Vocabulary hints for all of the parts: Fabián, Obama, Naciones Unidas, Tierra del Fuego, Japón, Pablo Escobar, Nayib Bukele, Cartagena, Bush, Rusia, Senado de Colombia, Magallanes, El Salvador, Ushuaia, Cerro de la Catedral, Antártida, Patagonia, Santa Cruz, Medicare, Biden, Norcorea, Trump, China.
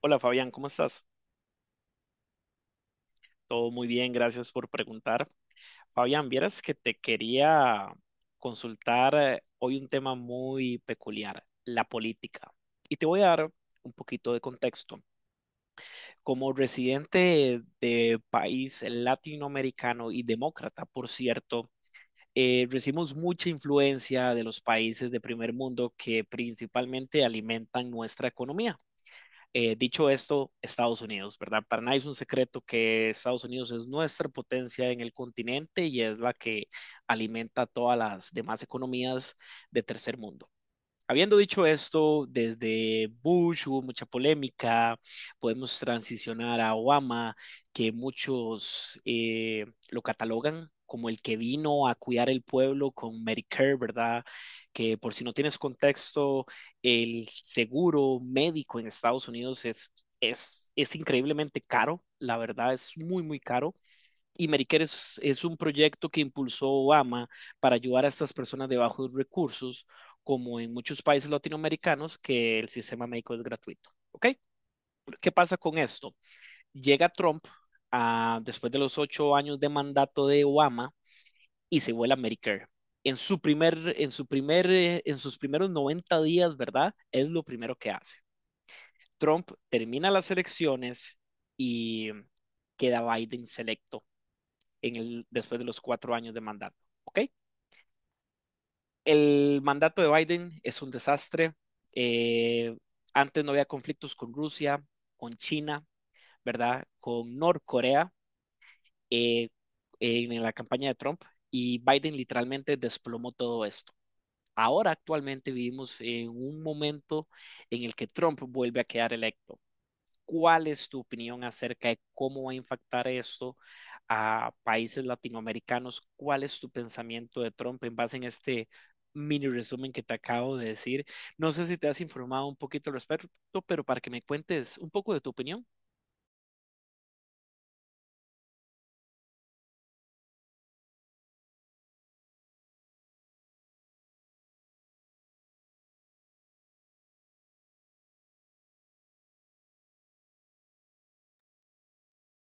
Hola Fabián, ¿cómo estás? Todo muy bien, gracias por preguntar. Fabián, vieras que te quería consultar hoy un tema muy peculiar, la política. Y te voy a dar un poquito de contexto. Como residente de país latinoamericano y demócrata, por cierto, recibimos mucha influencia de los países de primer mundo que principalmente alimentan nuestra economía. Dicho esto, Estados Unidos, ¿verdad? Para nadie es un secreto que Estados Unidos es nuestra potencia en el continente y es la que alimenta todas las demás economías de tercer mundo. Habiendo dicho esto, desde Bush hubo mucha polémica, podemos transicionar a Obama, que muchos lo catalogan como el que vino a cuidar el pueblo con Medicare, ¿verdad? Que por si no tienes contexto, el seguro médico en Estados Unidos es increíblemente caro, la verdad es muy, muy caro y Medicare es un proyecto que impulsó Obama para ayudar a estas personas de bajos recursos, como en muchos países latinoamericanos, que el sistema médico es gratuito. ¿Ok? ¿Qué pasa con esto? Llega Trump después de los 8 años de mandato de Obama y se vuela Medicare. En sus primeros 90 días, ¿verdad? Es lo primero que hace. Trump termina las elecciones y queda Biden selecto después de los 4 años de mandato. ¿Ok? El mandato de Biden es un desastre. Eh, Antes no había conflictos con Rusia, con China, ¿verdad? Con Norcorea eh, en la campaña de Trump y Biden literalmente desplomó todo esto. Ahora actualmente vivimos en un momento en el que Trump vuelve a quedar electo. ¿Cuál es tu opinión acerca de cómo va a impactar esto a países latinoamericanos? ¿Cuál es tu pensamiento de Trump en base en este mini resumen que te acabo de decir? No sé si te has informado un poquito al respecto, pero para que me cuentes un poco de tu opinión.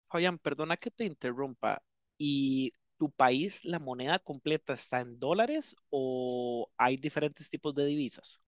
Fabián, perdona que te interrumpa. ¿Y tu país, la moneda completa está en dólares o hay diferentes tipos de divisas?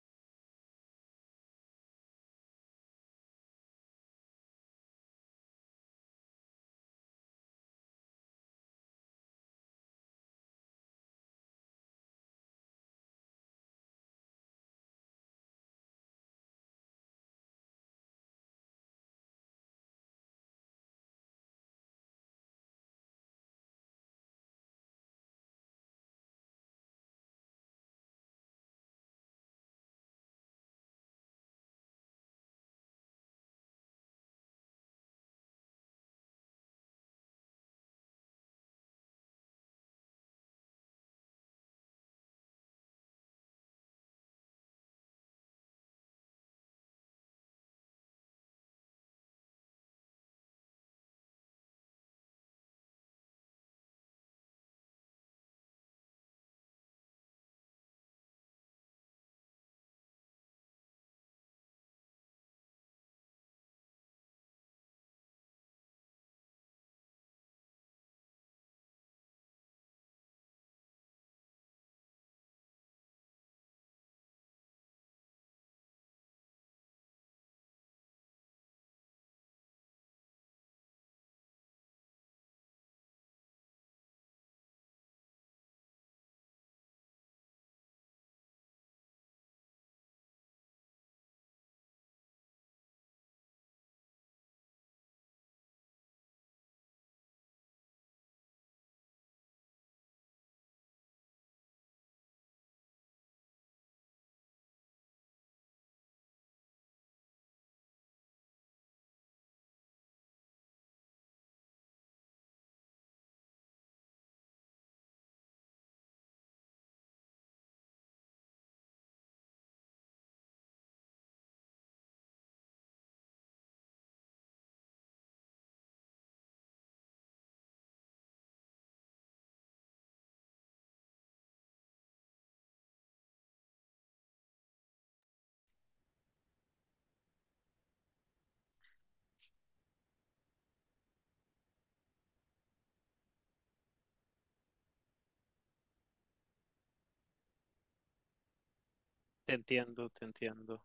Te entiendo, te entiendo.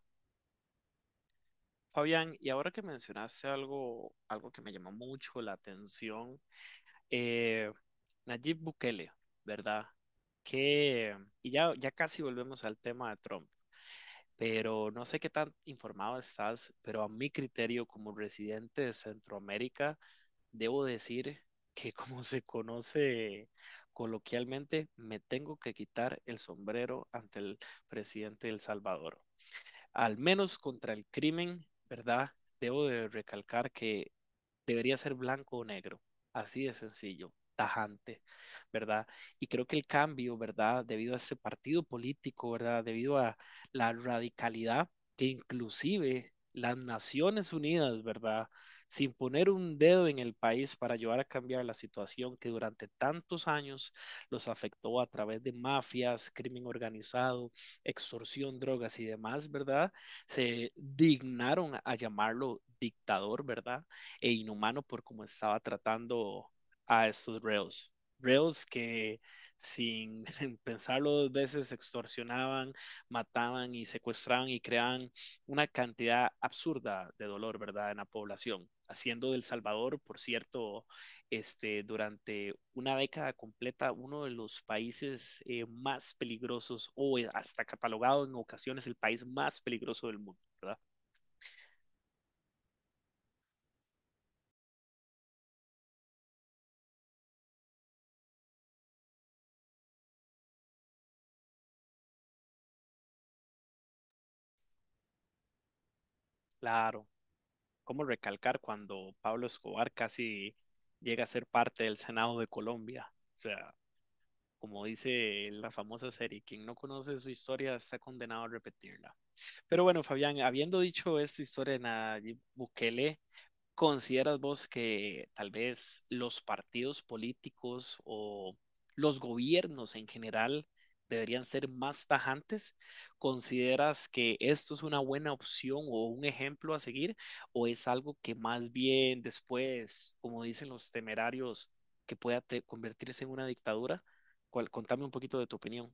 Fabián, y ahora que mencionaste algo, algo que me llamó mucho la atención, eh, Nayib Bukele, ¿verdad? Que, ya casi volvemos al tema de Trump, pero no sé qué tan informado estás, pero a mi criterio como residente de Centroamérica, debo decir que como se conoce coloquialmente, me tengo que quitar el sombrero ante el presidente de El Salvador al menos contra el crimen, ¿verdad? Debo de recalcar que debería ser blanco o negro, así de sencillo, tajante, ¿verdad? Y creo que el cambio, ¿verdad? Debido a ese partido político, ¿verdad? Debido a la radicalidad que inclusive las Naciones Unidas, ¿verdad? Sin poner un dedo en el país para ayudar a cambiar la situación que durante tantos años los afectó a través de mafias, crimen organizado, extorsión, drogas y demás, ¿verdad? Se dignaron a llamarlo dictador, ¿verdad? E inhumano por cómo estaba tratando a estos reos. Reos que sin pensarlo dos veces extorsionaban, mataban y secuestraban y creaban una cantidad absurda de dolor, ¿verdad?, en la población, haciendo del Salvador, por cierto, este, durante una década completa uno de los países más peligrosos o hasta catalogado en ocasiones el país más peligroso del mundo, ¿verdad? Claro, ¿cómo recalcar cuando Pablo Escobar casi llega a ser parte del Senado de Colombia? O sea, como dice la famosa serie, quien no conoce su historia está condenado a repetirla. Pero bueno, Fabián, habiendo dicho esta historia de Nayib Bukele, ¿consideras vos que tal vez los partidos políticos o los gobiernos en general deberían ser más tajantes? ¿Consideras que esto es una buena opción o un ejemplo a seguir? ¿O es algo que más bien después, como dicen los temerarios, que pueda convertirse en una dictadura? Contame un poquito de tu opinión.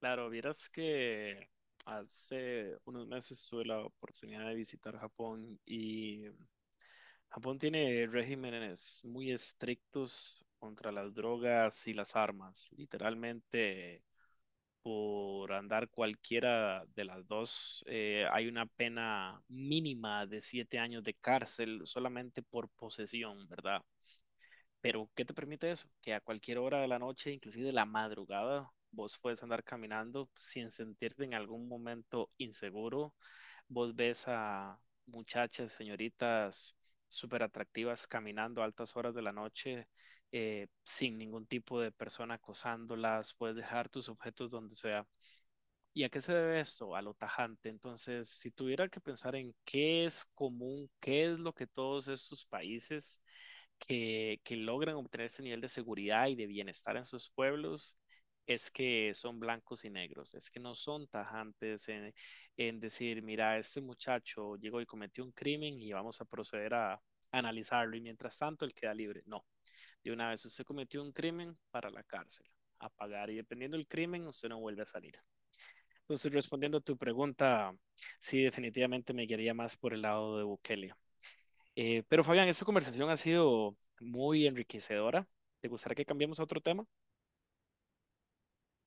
Claro, vieras que hace unos meses tuve la oportunidad de visitar Japón y Japón tiene regímenes muy estrictos contra las drogas y las armas. Literalmente, por andar cualquiera de las dos, hay una pena mínima de 7 años de cárcel solamente por posesión, ¿verdad? Pero, ¿qué te permite eso? Que a cualquier hora de la noche, inclusive de la madrugada, vos puedes andar caminando sin sentirte en algún momento inseguro. Vos ves a muchachas, señoritas súper atractivas caminando a altas horas de la noche, sin ningún tipo de persona acosándolas. Puedes dejar tus objetos donde sea. ¿Y a qué se debe esto? A lo tajante. Entonces, si tuviera que pensar en qué es común, qué es lo que todos estos países que logran obtener ese nivel de seguridad y de bienestar en sus pueblos es que son blancos y negros, es que no son tajantes en decir, mira, este muchacho llegó y cometió un crimen y vamos a proceder a analizarlo y mientras tanto él queda libre. No, de una vez usted cometió un crimen para la cárcel, a pagar y dependiendo del crimen usted no vuelve a salir. Entonces, respondiendo a tu pregunta, sí, definitivamente me guiaría más por el lado de Bukele. Pero Fabián, esta conversación ha sido muy enriquecedora. ¿Te gustaría que cambiemos a otro tema?